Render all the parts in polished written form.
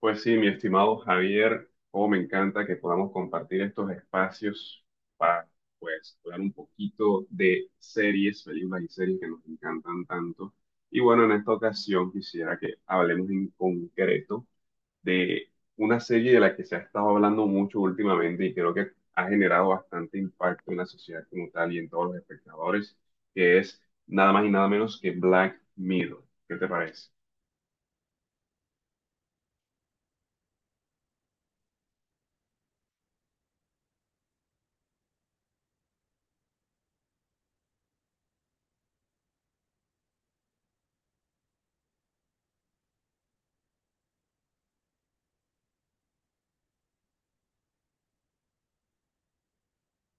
Pues sí, mi estimado Javier, oh, me encanta que podamos compartir estos espacios para, pues, hablar un poquito de series, películas y series que nos encantan tanto. Y bueno, en esta ocasión quisiera que hablemos en concreto de una serie de la que se ha estado hablando mucho últimamente y creo que ha generado bastante impacto en la sociedad como tal y en todos los espectadores, que es nada más y nada menos que Black Mirror. ¿Qué te parece?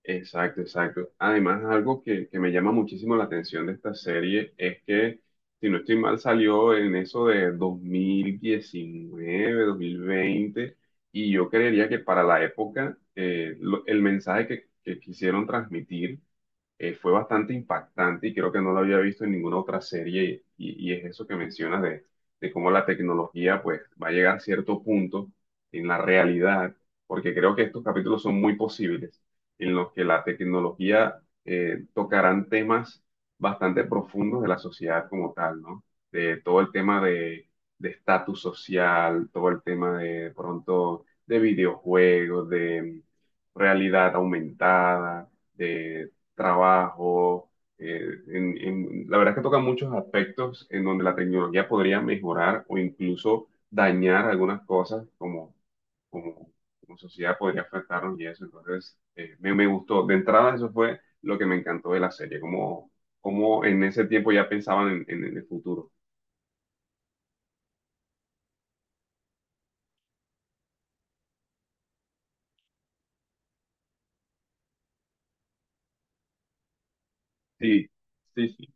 Exacto, exacto. Además, algo que me llama muchísimo la atención de esta serie es que, si no estoy mal, salió en eso de dos mil diecinueve, 2020, y yo creería que para la época el mensaje que quisieron transmitir fue bastante impactante y creo que no lo había visto en ninguna otra serie y es eso que mencionas de cómo la tecnología pues va a llegar a cierto punto en la realidad, porque creo que estos capítulos son muy posibles en los que la tecnología tocarán temas bastante profundos de la sociedad como tal, ¿no? De todo el tema de estatus social, todo el tema de, pronto de videojuegos, de realidad aumentada, de trabajo. eh, la verdad es que toca muchos aspectos en donde la tecnología podría mejorar o incluso dañar algunas cosas como, como sociedad podría afectarnos y eso. Entonces, me gustó. De entrada, eso fue lo que me encantó de la serie, como, como en ese tiempo ya pensaban en el futuro. Sí, sí, sí.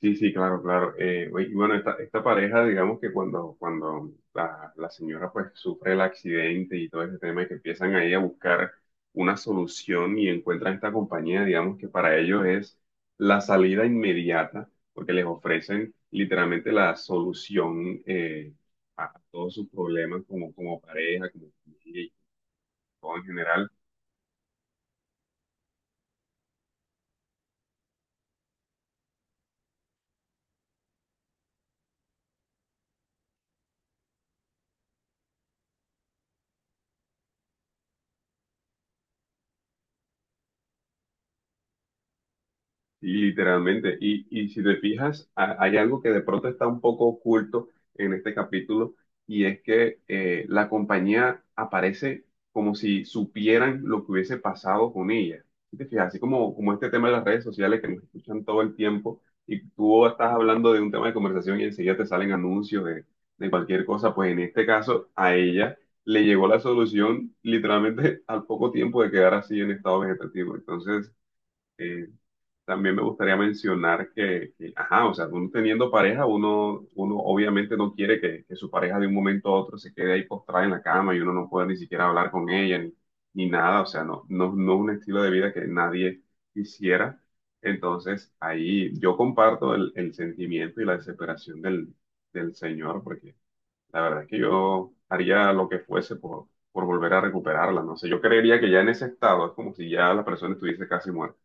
Sí, sí, claro, claro. Oye, y bueno, esta pareja, digamos que cuando la señora pues sufre el accidente y todo ese tema y que empiezan ahí a buscar una solución y encuentran esta compañía, digamos que para ellos es la salida inmediata, porque les ofrecen literalmente la solución a todos sus problemas como, como pareja, como familia y todo en general. Sí, literalmente. Y si te fijas, hay algo que de pronto está un poco oculto en este capítulo y es que la compañía aparece como si supieran lo que hubiese pasado con ella. Si te fijas, así como, como este tema de las redes sociales que nos escuchan todo el tiempo y tú estás hablando de un tema de conversación y enseguida te salen anuncios de cualquier cosa, pues en este caso a ella le llegó la solución literalmente al poco tiempo de quedar así en estado vegetativo. Entonces… eh, también me gustaría mencionar ajá, o sea, uno teniendo pareja, uno obviamente no quiere que su pareja de un momento a otro se quede ahí postrada en la cama y uno no pueda ni siquiera hablar con ella ni nada, o sea, no, no, no es un estilo de vida que nadie quisiera. Entonces, ahí yo comparto el sentimiento y la desesperación del señor, porque la verdad es que yo haría lo que fuese por volver a recuperarla, no sé, yo creería que ya en ese estado es como si ya la persona estuviese casi muerta.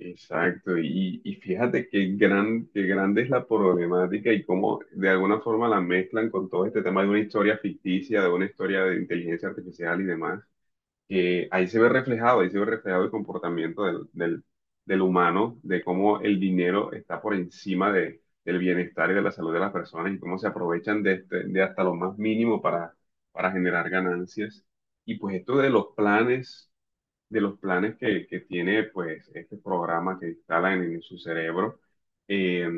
Exacto, y fíjate qué gran, qué grande es la problemática y cómo de alguna forma la mezclan con todo este tema de una historia ficticia, de una historia de inteligencia artificial y demás, que ahí se ve reflejado, ahí se ve reflejado el comportamiento del humano, de cómo el dinero está por encima del bienestar y de la salud de las personas y cómo se aprovechan de hasta lo más mínimo para generar ganancias. Y pues esto de los planes que tiene pues este programa que instalan en su cerebro, eh,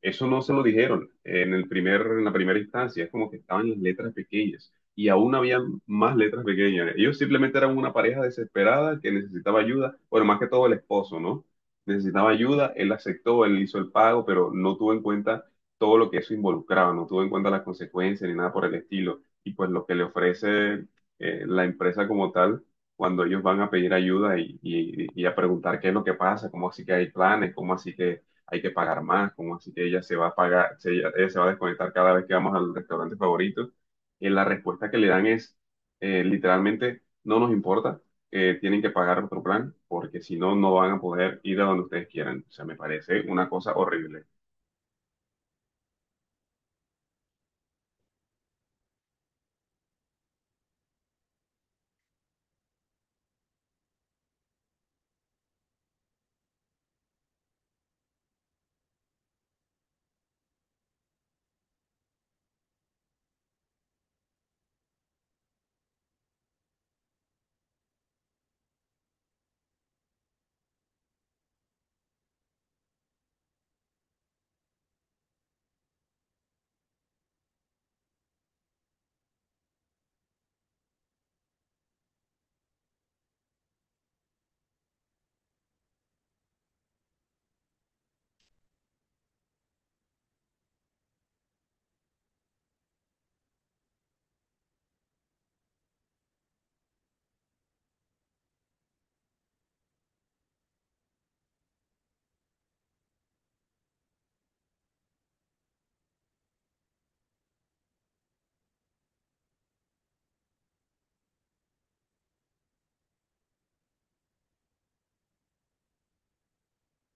eso no se lo dijeron en el en la primera instancia, es como que estaban las letras pequeñas y aún había más letras pequeñas. Ellos simplemente eran una pareja desesperada que necesitaba ayuda, bueno, más que todo el esposo, ¿no? Necesitaba ayuda, él aceptó, él hizo el pago, pero no tuvo en cuenta todo lo que eso involucraba, no tuvo en cuenta las consecuencias ni nada por el estilo. Y pues lo que le ofrece la empresa como tal cuando ellos van a pedir ayuda y a preguntar qué es lo que pasa, cómo así que hay planes, cómo así que hay que pagar más, cómo así que ella se va a pagar, ella se va a desconectar cada vez que vamos al restaurante favorito. La respuesta que le dan es literalmente: no nos importa, tienen que pagar otro plan porque si no, no van a poder ir a donde ustedes quieran. O sea, me parece una cosa horrible.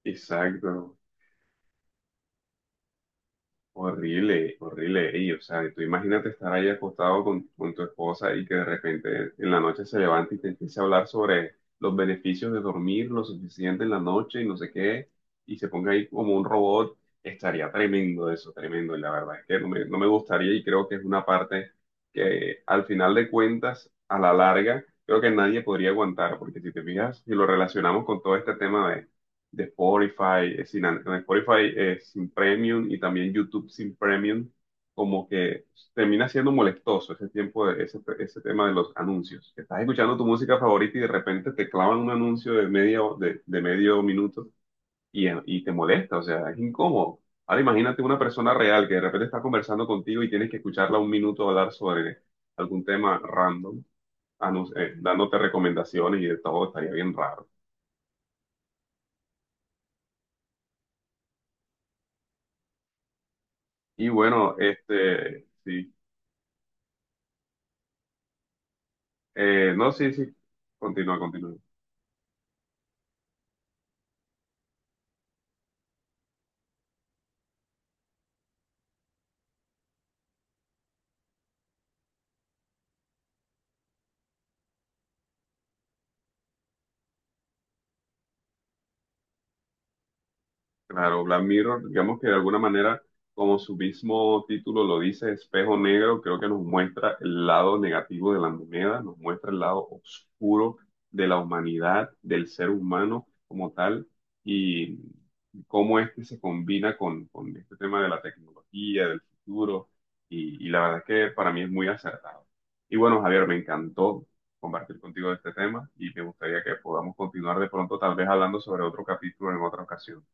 Exacto. Horrible, horrible. Y, o sea, tú imagínate estar ahí acostado con tu esposa y que de repente en la noche se levante y te empiece a hablar sobre los beneficios de dormir lo suficiente en la noche y no sé qué, y se ponga ahí como un robot. Estaría tremendo eso, tremendo. Y la verdad es que no me gustaría y creo que es una parte que al final de cuentas, a la larga, creo que nadie podría aguantar, porque si te fijas, si lo relacionamos con todo este tema de Spotify, sin, an- en Spotify sin premium y también YouTube sin premium, como que termina siendo molestoso ese tiempo ese tema de los anuncios. Que estás escuchando tu música favorita y de repente te clavan un anuncio de medio minuto y te molesta, o sea, es incómodo. Ahora imagínate una persona real que de repente está conversando contigo y tienes que escucharla un minuto hablar sobre algún tema random, dándote recomendaciones y de todo, estaría bien raro. Y bueno, este, sí. No, Sí, sí. Continúa, continúa. Claro, Black Mirror, digamos que de alguna manera, como su mismo título lo dice, espejo negro, creo que nos muestra el lado negativo de la moneda, nos muestra el lado oscuro de la humanidad, del ser humano como tal, y cómo este se combina con este tema de la tecnología, del futuro, y la verdad es que para mí es muy acertado. Y bueno, Javier, me encantó compartir contigo este tema y me gustaría que podamos continuar de pronto, tal vez hablando sobre otro capítulo en otra ocasión.